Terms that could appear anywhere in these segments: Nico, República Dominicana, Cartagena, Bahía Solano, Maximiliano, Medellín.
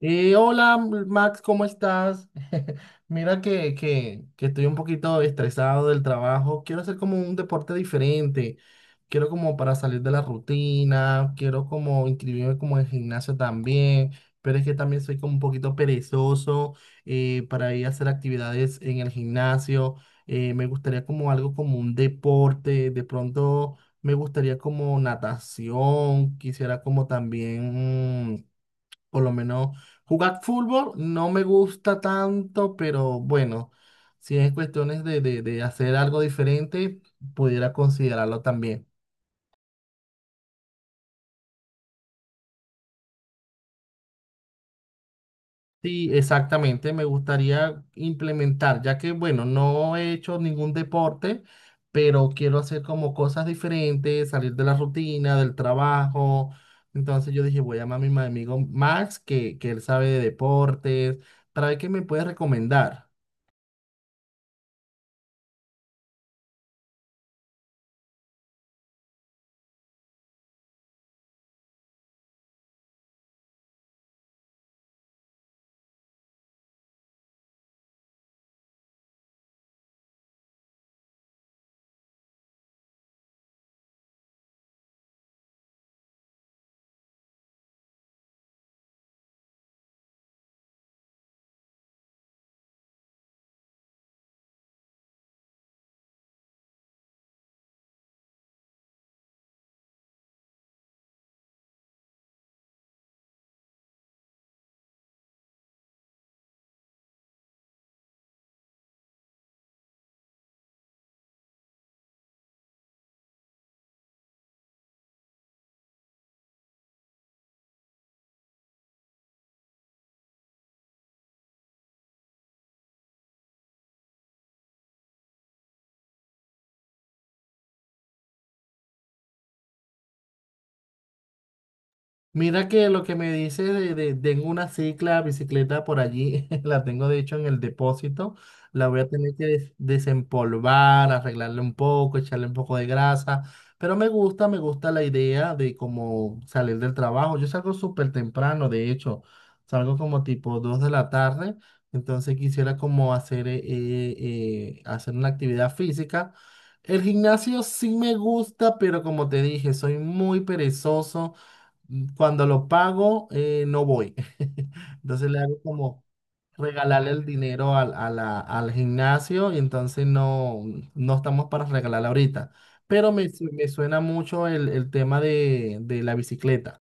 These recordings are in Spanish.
Hola Max, ¿cómo estás? Mira que estoy un poquito estresado del trabajo. Quiero hacer como un deporte diferente. Quiero como para salir de la rutina. Quiero como inscribirme como en gimnasio también. Pero es que también soy como un poquito perezoso para ir a hacer actividades en el gimnasio. Me gustaría como algo como un deporte. De pronto me gustaría como natación. Quisiera como también, por lo menos jugar fútbol no me gusta tanto, pero bueno, si es cuestiones de hacer algo diferente, pudiera considerarlo también. Sí, exactamente, me gustaría implementar, ya que bueno, no he hecho ningún deporte, pero quiero hacer como cosas diferentes, salir de la rutina, del trabajo. Entonces yo dije, voy a llamar a mi amigo Max, que él sabe de deportes, para ver qué me puede recomendar. Mira que lo que me dice de tengo una cicla, bicicleta por allí, la tengo de hecho en el depósito, la voy a tener que desempolvar, arreglarle un poco, echarle un poco de grasa, pero me gusta la idea de cómo salir del trabajo. Yo salgo súper temprano, de hecho, salgo como tipo 2 de la tarde, entonces quisiera como hacer, hacer una actividad física. El gimnasio sí me gusta, pero como te dije, soy muy perezoso. Cuando lo pago, no voy. Entonces le hago como regalarle el dinero al gimnasio y entonces no, no estamos para regalarla ahorita. Pero me suena mucho el tema de la bicicleta.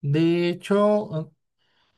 De hecho,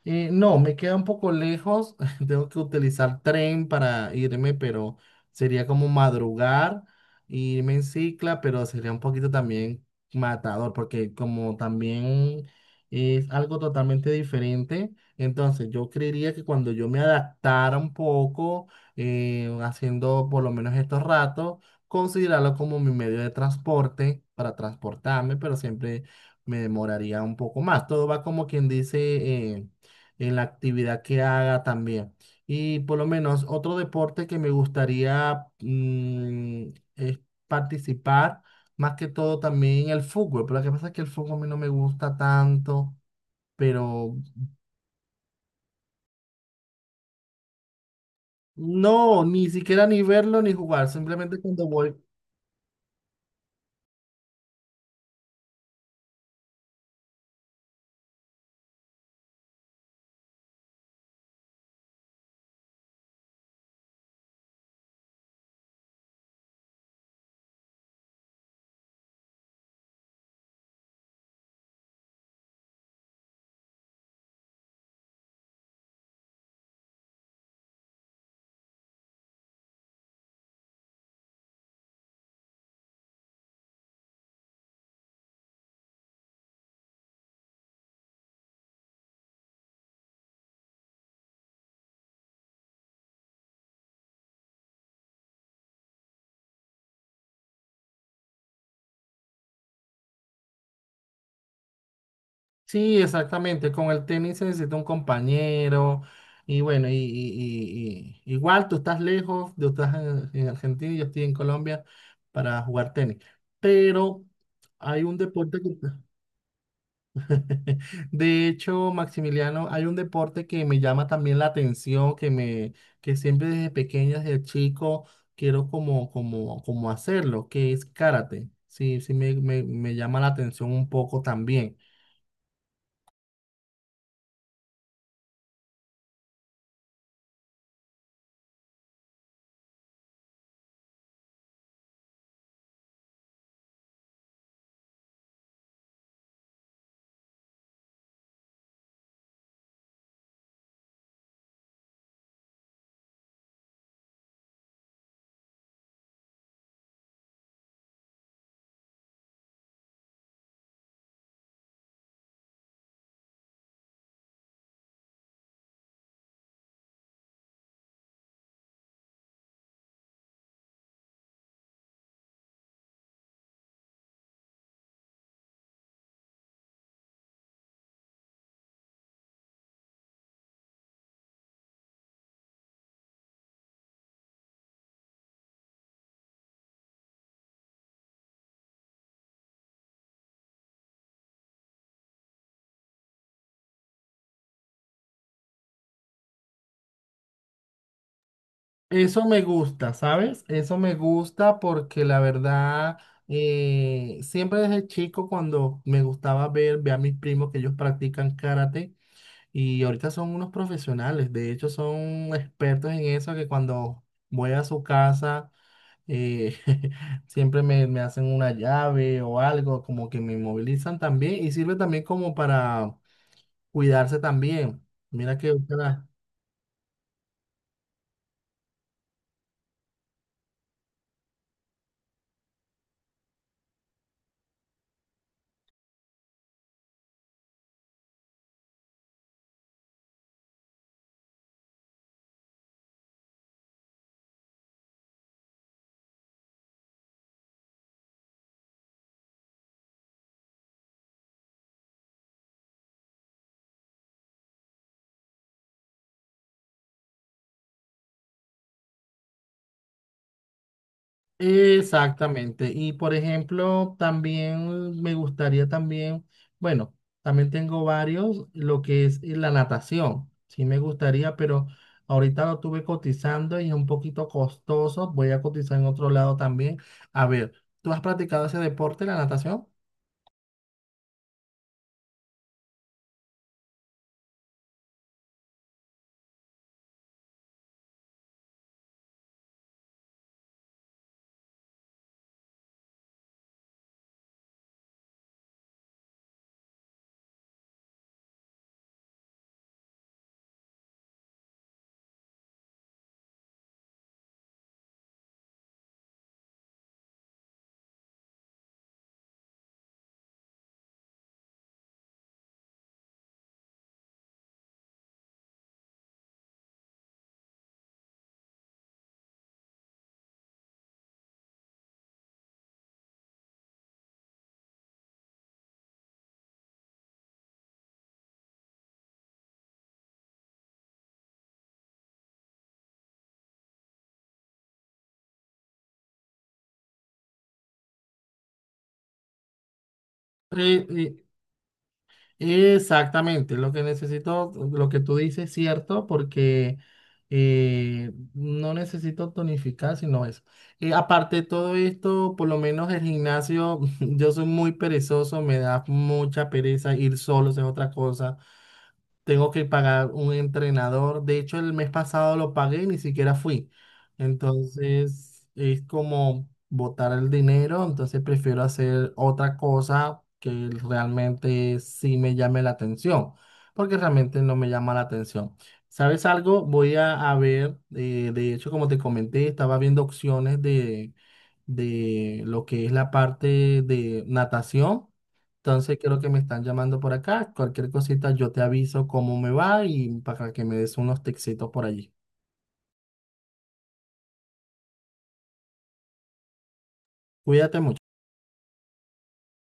No, me queda un poco lejos. Tengo que utilizar tren para irme, pero sería como madrugar, irme en cicla, pero sería un poquito también matador, porque como también es algo totalmente diferente, entonces yo creería que cuando yo me adaptara un poco, haciendo por lo menos estos ratos, considerarlo como mi medio de transporte para transportarme, pero siempre me demoraría un poco más. Todo va como quien dice eh, en la actividad que haga también. Y por lo menos otro deporte que me gustaría, es participar, más que todo también el fútbol, pero lo que pasa es que el fútbol a mí no me gusta tanto, pero no, ni siquiera ni verlo ni jugar, simplemente cuando voy. Sí, exactamente. Con el tenis se necesita un compañero. Y bueno, igual tú estás lejos, tú estás en Argentina y yo estoy en Colombia para jugar tenis. Pero hay un deporte que... De hecho, Maximiliano, hay un deporte que me llama también la atención, que me, que siempre desde pequeño, desde chico, quiero como hacerlo, que es karate. Sí, sí me, me llama la atención un poco también. Eso me gusta, ¿sabes? Eso me gusta porque la verdad, siempre desde chico cuando me gustaba ver, ver a mis primos que ellos practican karate y ahorita son unos profesionales, de hecho son expertos en eso que cuando voy a su casa eh, siempre me, me hacen una llave o algo, como que me movilizan también y sirve también como para cuidarse también. Mira que... Exactamente. Y por ejemplo, también me gustaría también, bueno, también tengo varios, lo que es la natación. Sí me gustaría, pero ahorita lo tuve cotizando y es un poquito costoso. Voy a cotizar en otro lado también. A ver, ¿tú has practicado ese deporte, la natación? Sí, exactamente, lo que necesito, lo que tú dices es cierto, porque no necesito tonificar, sino eso. Aparte de todo esto, por lo menos el gimnasio, yo soy muy perezoso, me da mucha pereza ir solo, es otra cosa. Tengo que pagar un entrenador. De hecho, el mes pasado lo pagué y ni siquiera fui. Entonces, es como botar el dinero. Entonces, prefiero hacer otra cosa que realmente sí me llame la atención, porque realmente no me llama la atención. ¿Sabes algo? Voy a ver, de hecho, como te comenté, estaba viendo opciones de lo que es la parte de natación. Entonces creo que me están llamando por acá. Cualquier cosita yo te aviso cómo me va y para que me des unos textitos por allí. Cuídate mucho.